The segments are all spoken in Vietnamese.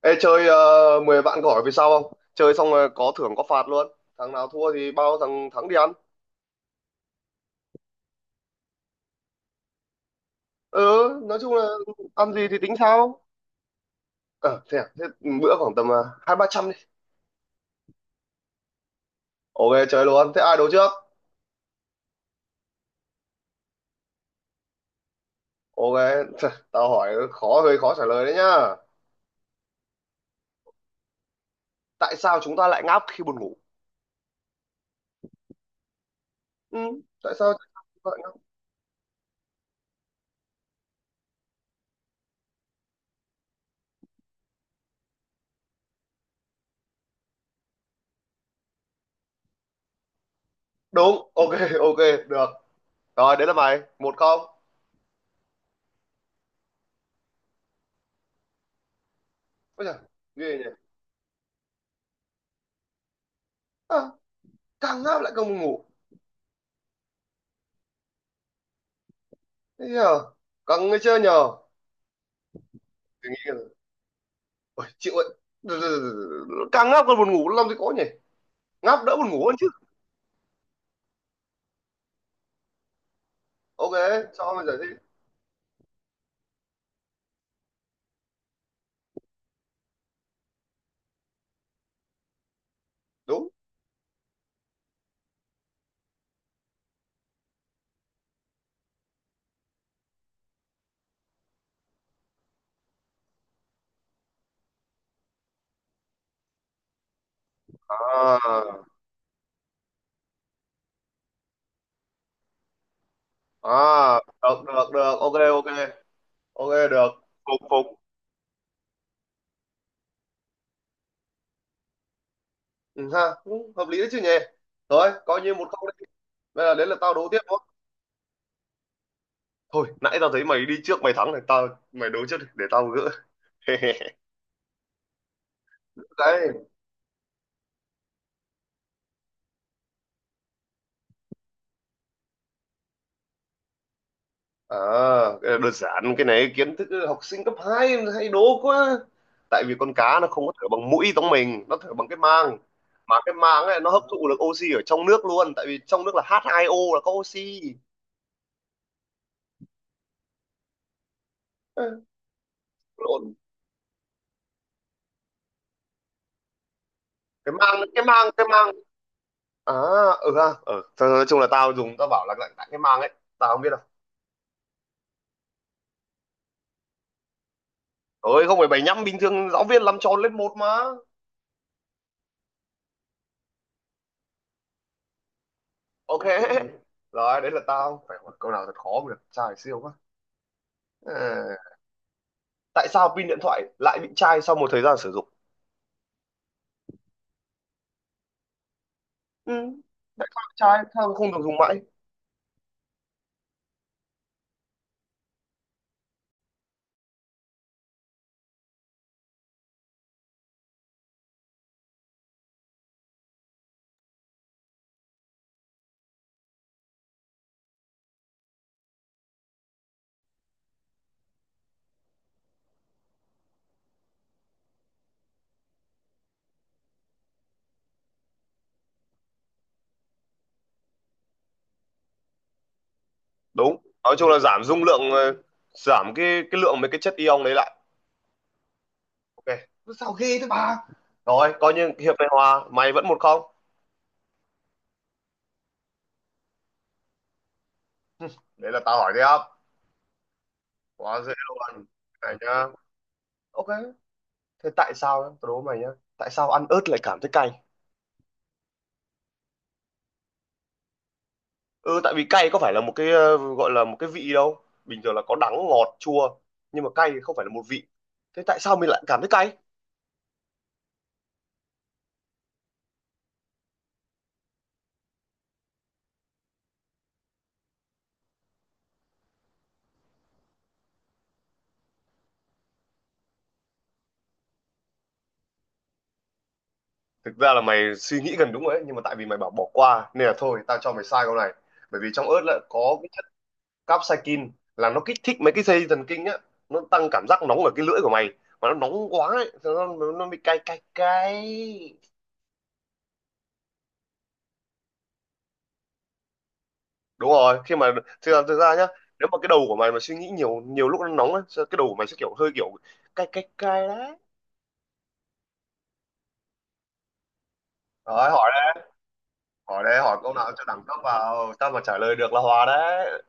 Ê, chơi 10 vạn gỏi về sau không? Chơi xong rồi có thưởng có phạt luôn. Thằng nào thua thì bao thằng thắng đi ăn. Ừ, nói chung là ăn gì thì tính sao? Ờ, thế, à? Thế bữa khoảng tầm 200 300 đi. Ok, chơi luôn. Thế ai đấu trước? Ok, tao hỏi khó, hơi khó trả lời đấy nhá. Tại sao chúng ta lại ngáp khi buồn ngủ? Ừ, tại sao chúng ta lại ngáp? Đúng, ok, ok, được. Rồi, đấy là mày. Một không. Ôi giời, ghê nhỉ? À, càng ngáp lại càng buồn ngủ. Thế nhờ? Càng người chơi nhờ? Thì nghĩ. Ôi, chịu ơi, càng ngáp còn buồn ngủ làm gì có nhỉ. Ngáp đỡ buồn ngủ hơn chứ. Ok, cho bây giờ đi. Đúng. À à. Được được được, ok ok. Ok được. Phục phục. Ừ, ha. Đúng, hợp lý đấy chứ nhỉ. Rồi coi như một câu đấy. Bây giờ đến là tao đố tiếp thôi. Thôi nãy tao thấy mày đi trước mày thắng này, tao mày đố trước đi, để tao gỡ. Đấy. À, cái này đơn giản, cái này kiến thức học sinh cấp 2 hay đố quá. Tại vì con cá nó không có thở bằng mũi giống mình, nó thở bằng cái mang. Mà cái mang này nó hấp thụ được oxy ở trong nước luôn, tại vì trong nước là H2O là có oxy. Ê, lộn. Cái mang cái mang cái mang. À ừ ha ừ. Thôi, nói chung là tao dùng, tao bảo là lạnh lạnh cái mang ấy. Tao không biết đâu. Thôi không phải bảy nhăm, bình thường giáo viên làm tròn lên một mà. Ok. Rồi đấy là tao phải hỏi câu nào thật khó mới được, trai siêu quá. À, tại sao pin điện thoại lại bị chai sau một thời gian sử dụng? Ừ. Tại sao chai, sao không được dùng mãi? Đúng, nói chung là giảm dung lượng, giảm cái lượng mấy cái chất ion đấy lại. Ok. Sao ghê thế bà. Rồi coi như hiệp này hòa, mày vẫn một không. Đấy là tao hỏi tiếp. Quá dễ luôn. Này nhá. Ok. Thế tại sao nhá, tao đố mày nhá. Tại sao ăn ớt lại cảm thấy cay? Ừ, tại vì cay có phải là một cái gọi là một cái vị đâu, bình thường là có đắng ngọt chua, nhưng mà cay thì không phải là một vị. Thế tại sao mình lại cảm thấy cay? Thực ra là mày suy nghĩ gần đúng rồi đấy, nhưng mà tại vì mày bảo bỏ qua nên là thôi tao cho mày sai câu này. Bởi vì trong ớt lại có cái chất capsaicin, là nó kích thích mấy cái dây thần kinh á, nó tăng cảm giác nóng ở cái lưỡi của mày. Mà nó nóng quá ấy, thế nó bị cay cay cay. Đúng rồi khi mà thực ra nhá, nếu mà cái đầu của mày mà suy nghĩ nhiều, nhiều lúc nó nóng ấy, cái đầu của mày sẽ kiểu hơi kiểu cay cay cay đấy. Rồi hỏi đây. Hỏi đây, hỏi câu nào cho đẳng cấp vào, tao mà trả lời được là hòa đấy.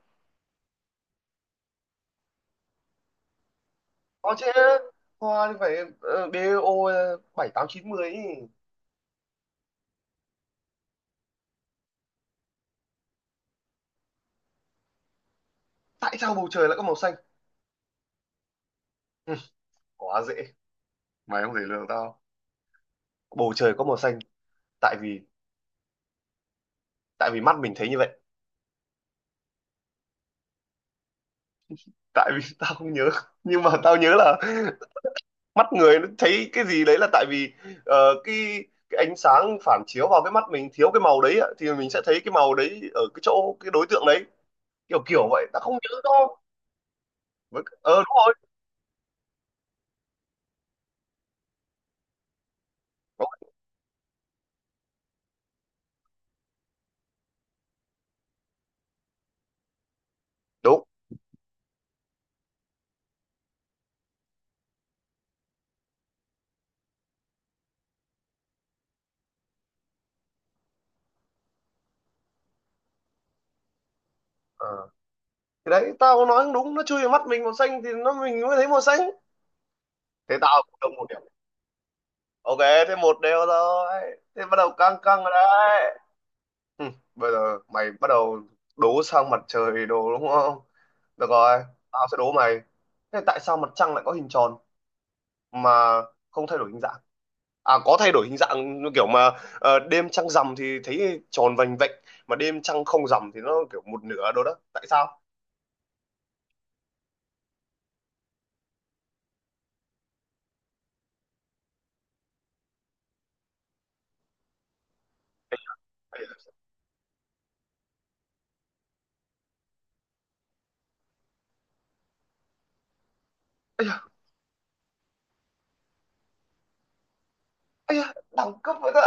Có chứ. Hoa thì phải DO bảy tám chín mười ý. Tại sao bầu trời lại có màu xanh? Ừ, quá dễ, mày không thể lường tao. Bầu trời có màu xanh tại vì tại vì mắt mình thấy như vậy. Tại vì tao không nhớ, nhưng mà tao nhớ là mắt người nó thấy cái gì đấy là tại vì, ờ, cái cái ánh sáng phản chiếu vào cái mắt mình thiếu cái màu đấy ạ, thì mình sẽ thấy cái màu đấy ở cái chỗ cái đối tượng đấy. Kiểu kiểu vậy, tao không nhớ đâu. Với đúng rồi. Đúng, đúng. Thì đấy tao có nói đúng, nó chui vào mắt mình màu xanh thì nó mình mới thấy màu xanh. Thế tao cũng được một điểm. Ok. Thế một đều rồi. Thế bắt đầu căng căng rồi đấy. Hừ, bây giờ mày bắt đầu đố sang mặt trời đồ đúng không. Được rồi, tao sẽ đố mày. Thế tại sao mặt trăng lại có hình tròn mà không thay đổi hình dạng? À có thay đổi hình dạng như kiểu mà đêm trăng rằm thì thấy tròn vành vạnh, mà đêm trăng không rằm thì nó kiểu một nửa đồ đó, tại sao? Ây da, đẳng cấp vậy ta.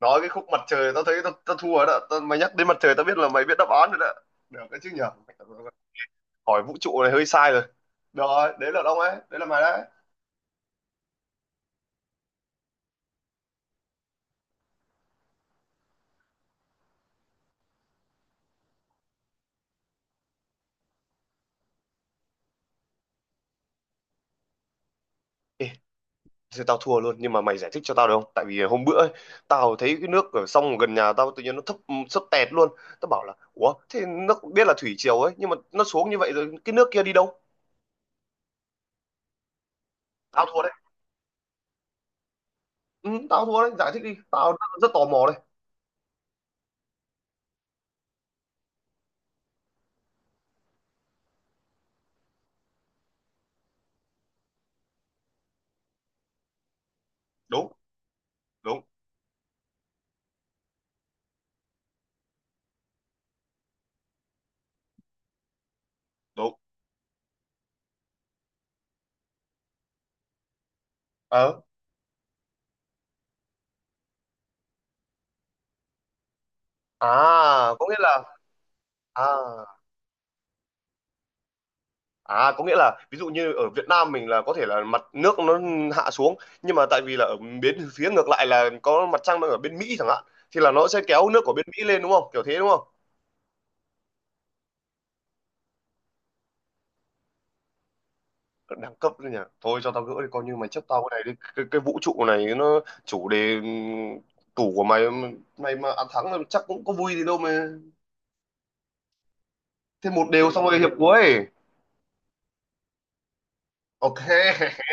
Nói cái khúc mặt trời tao thấy tao thua rồi đó tao, mày nhắc đến mặt trời tao biết là mày biết đáp án rồi đó. Được cái chứ nhở. Hỏi vũ trụ này hơi sai rồi. Được rồi đấy là ông ấy, đấy là mày đấy. Ê, thế tao thua luôn, nhưng mà mày giải thích cho tao được không, tại vì hôm bữa ấy, tao thấy cái nước ở sông gần nhà tao tự nhiên nó thấp sấp tẹt luôn. Tao bảo là ủa, thế nó biết là thủy triều ấy, nhưng mà nó xuống như vậy rồi cái nước kia đi đâu? Tao thua đấy. Ừ, tao thua đấy, giải thích đi, tao rất, rất tò mò đấy. Đúng đúng đúng. Ờ. À, có nghĩa là à. À, có nghĩa là ví dụ như ở Việt Nam mình là có thể là mặt nước nó hạ xuống, nhưng mà tại vì là ở bên phía ngược lại là có mặt trăng đang ở bên Mỹ chẳng hạn, thì là nó sẽ kéo nước của bên Mỹ lên đúng không? Kiểu thế đúng không? Đẳng cấp đấy nhỉ. Thôi cho tao gỡ đi, coi như mày chấp tao cái này đi. Cái vũ trụ này nó chủ đề, tủ của mày, mày mà ăn thắng là chắc cũng có vui gì đâu mà. Thêm một đều xong rồi hiệp cuối. Ok.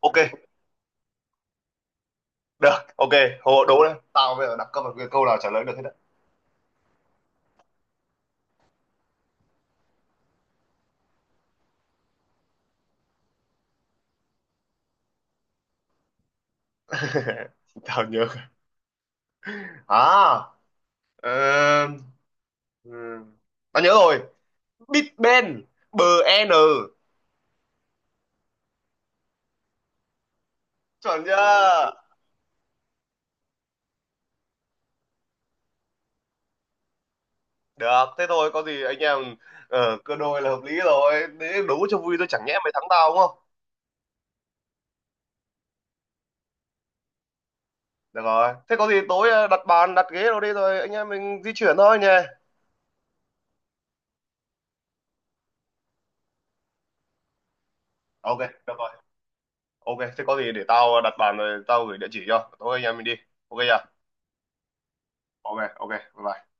Ok. Được. Ok. Hồ đố đây. Tao bây giờ đẳng cấp là cái câu nào trả lời được hết đấy. Tao nhớ. À Ờ, ừm, Tao nhớ rồi. Big Ben, BN. Chuẩn chưa? Được, thế thôi có gì anh em cơ đôi là hợp lý rồi. Để đấu cho vui thôi chẳng nhẽ mày thắng tao đúng không? Được rồi. Thế có gì tối đặt bàn, đặt ghế rồi đi rồi anh em mình di chuyển thôi nhé. Ok, được rồi. Ok, thế có gì để tao đặt bàn rồi tao gửi địa chỉ cho. Tối anh em mình đi. Ok chưa? Ok, ok. Bye bye.